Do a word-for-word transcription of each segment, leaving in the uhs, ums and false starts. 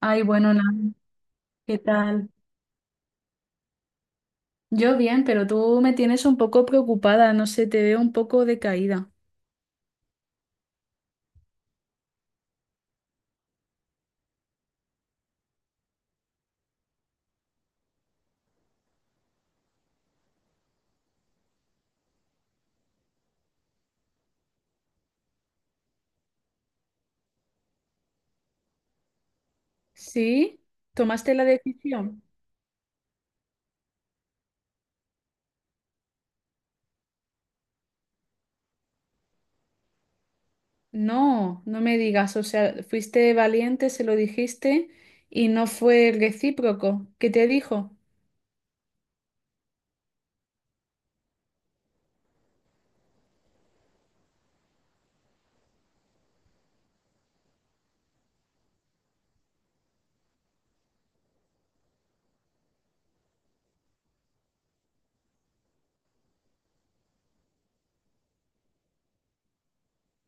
Ay, bueno, nada, ¿qué tal? Yo bien, pero tú me tienes un poco preocupada, no sé, te veo un poco decaída. ¿Sí? ¿Tomaste la decisión? No, no me digas, o sea, fuiste valiente, se lo dijiste y no fue recíproco. ¿Qué te dijo?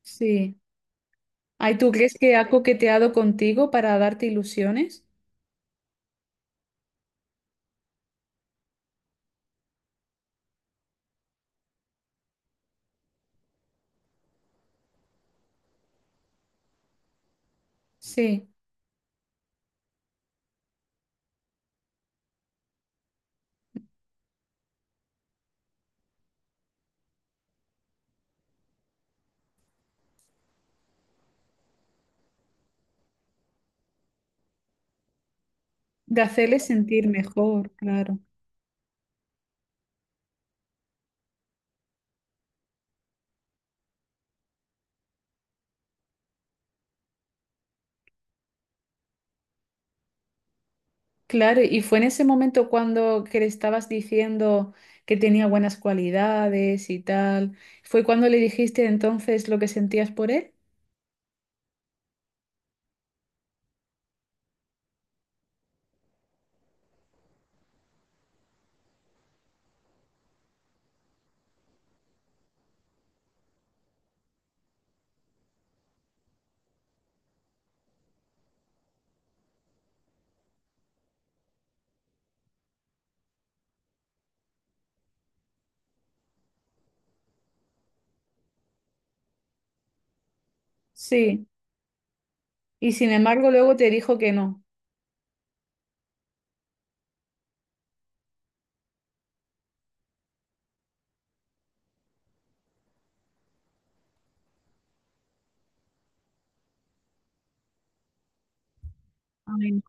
Sí. Ay, ¿tú crees que ha coqueteado contigo para darte ilusiones? Sí, de hacerle sentir mejor, claro. Claro, y fue en ese momento cuando que le estabas diciendo que tenía buenas cualidades y tal. ¿Fue cuando le dijiste entonces lo que sentías por él? Sí. Y sin embargo luego te dijo que no. Ay, no.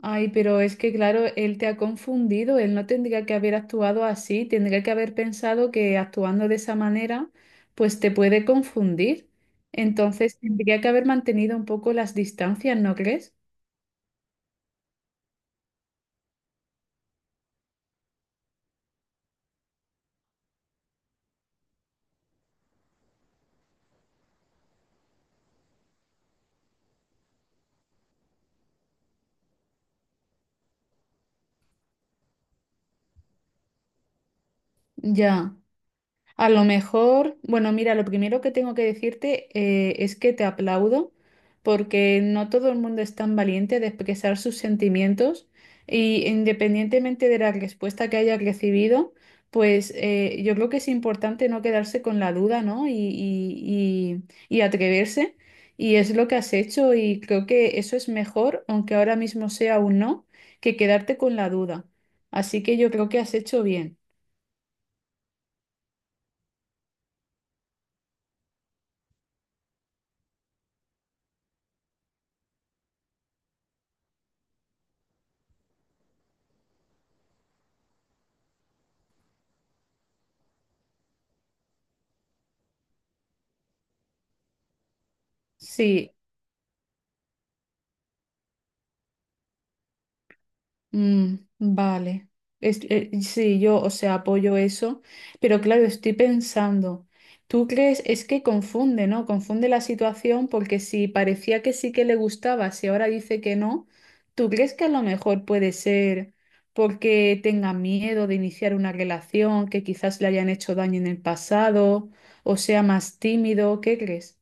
Ay, pero es que claro, él te ha confundido, él no tendría que haber actuado así, tendría que haber pensado que actuando de esa manera, pues te puede confundir. Entonces tendría que haber mantenido un poco las distancias, ¿no crees? Ya. A lo mejor, bueno, mira, lo primero que tengo que decirte eh, es que te aplaudo porque no todo el mundo es tan valiente de expresar sus sentimientos y independientemente de la respuesta que haya recibido, pues eh, yo creo que es importante no quedarse con la duda, ¿no? Y, y, y, y atreverse y es lo que has hecho y creo que eso es mejor, aunque ahora mismo sea un no, que quedarte con la duda. Así que yo creo que has hecho bien. Sí. Mm, vale. Es- eh, sí, yo, o sea, apoyo eso, pero claro, estoy pensando, ¿tú crees? Es que confunde, ¿no? Confunde la situación porque si parecía que sí que le gustaba, si ahora dice que no, ¿tú crees que a lo mejor puede ser porque tenga miedo de iniciar una relación, que quizás le hayan hecho daño en el pasado, o sea, más tímido? ¿Qué crees?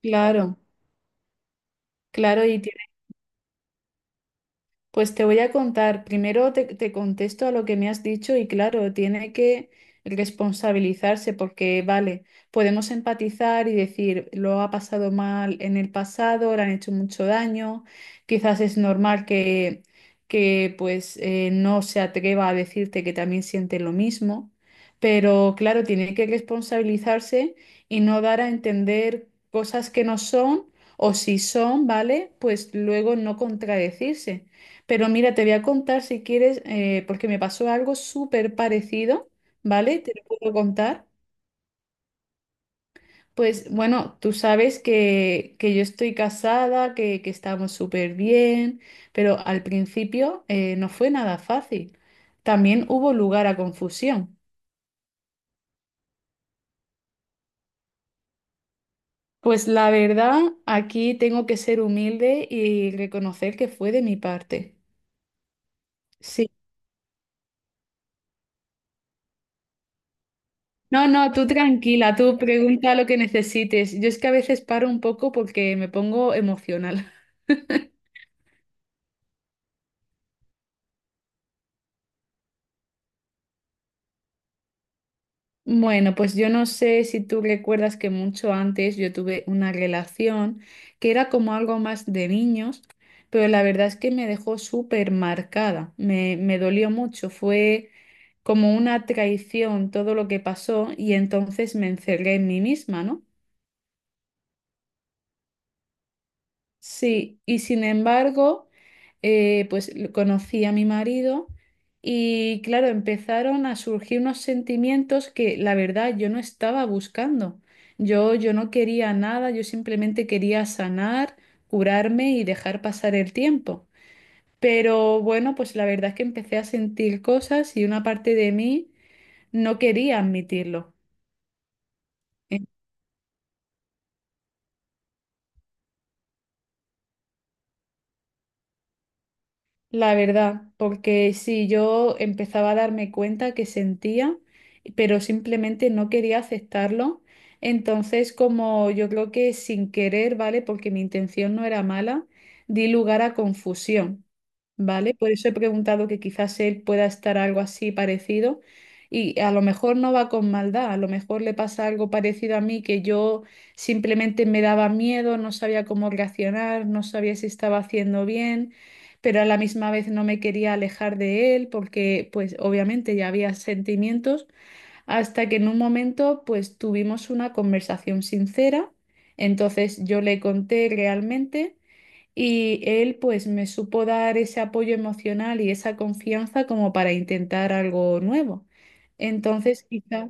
Claro, claro, y pues te voy a contar, primero te, te contesto a lo que me has dicho y claro, tiene que responsabilizarse porque, vale, podemos empatizar y decir, lo ha pasado mal en el pasado, le han hecho mucho daño, quizás es normal que, que pues eh, no se atreva a decirte que también siente lo mismo, pero claro, tiene que responsabilizarse y no dar a entender cosas que no son o si son, ¿vale? Pues luego no contradecirse. Pero mira, te voy a contar si quieres, eh, porque me pasó algo súper parecido, ¿vale? Te lo puedo contar. Pues bueno, tú sabes que, que yo estoy casada, que, que estamos súper bien, pero al principio eh, no fue nada fácil. También hubo lugar a confusión. Pues la verdad, aquí tengo que ser humilde y reconocer que fue de mi parte. Sí. No, no, tú tranquila, tú pregunta lo que necesites. Yo es que a veces paro un poco porque me pongo emocional. Bueno, pues yo no sé si tú recuerdas que mucho antes yo tuve una relación que era como algo más de niños, pero la verdad es que me dejó súper marcada, me, me dolió mucho, fue como una traición todo lo que pasó y entonces me encerré en mí misma, ¿no? Sí, y sin embargo, eh, pues l- conocí a mi marido y claro, empezaron a surgir unos sentimientos que la verdad yo no estaba buscando. Yo, yo no quería nada, yo simplemente quería sanar, curarme y dejar pasar el tiempo. Pero bueno, pues la verdad es que empecé a sentir cosas y una parte de mí no quería admitirlo. La verdad, porque sí, yo empezaba a darme cuenta que sentía, pero simplemente no quería aceptarlo. Entonces, como yo creo que sin querer, ¿vale? Porque mi intención no era mala, di lugar a confusión, ¿vale? Por eso he preguntado que quizás él pueda estar algo así parecido y a lo mejor no va con maldad, a lo mejor le pasa algo parecido a mí que yo simplemente me daba miedo, no sabía cómo reaccionar, no sabía si estaba haciendo bien pero a la misma vez no me quería alejar de él porque pues obviamente ya había sentimientos hasta que en un momento pues tuvimos una conversación sincera, entonces yo le conté realmente y él pues me supo dar ese apoyo emocional y esa confianza como para intentar algo nuevo. Entonces, quizá...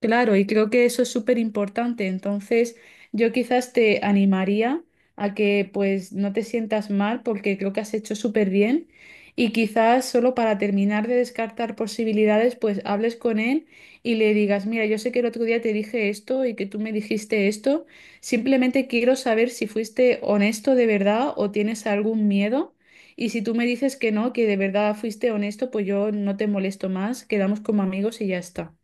Claro, y creo que eso es súper importante. Entonces, yo quizás te animaría a que pues no te sientas mal porque creo que has hecho súper bien. Y quizás solo para terminar de descartar posibilidades, pues hables con él y le digas, mira, yo sé que el otro día te dije esto y que tú me dijiste esto. Simplemente quiero saber si fuiste honesto de verdad o tienes algún miedo. Y si tú me dices que no, que de verdad fuiste honesto, pues yo no te molesto más, quedamos como amigos y ya está.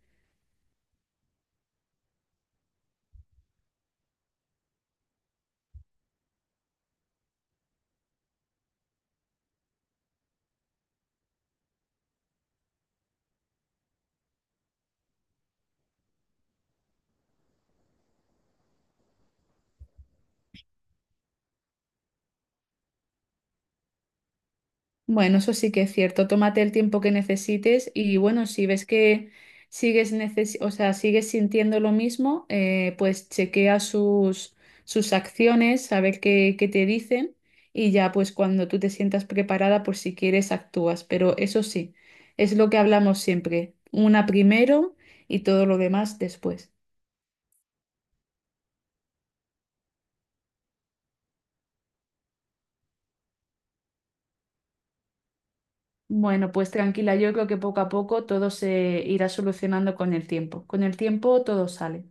Bueno, eso sí que es cierto. Tómate el tiempo que necesites y bueno, si ves que sigues neces- o sea, sigues sintiendo lo mismo, eh, pues chequea sus, sus acciones, a ver qué, qué te dicen y ya pues cuando tú te sientas preparada, por si quieres, actúas. Pero eso sí, es lo que hablamos siempre. Una primero y todo lo demás después. Bueno, pues tranquila, yo creo que poco a poco todo se irá solucionando con el tiempo. Con el tiempo todo sale.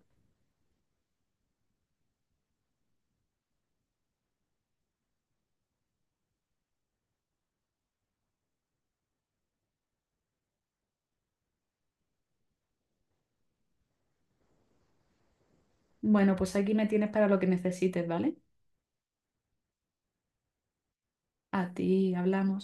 Bueno, pues aquí me tienes para lo que necesites, ¿vale? A ti hablamos.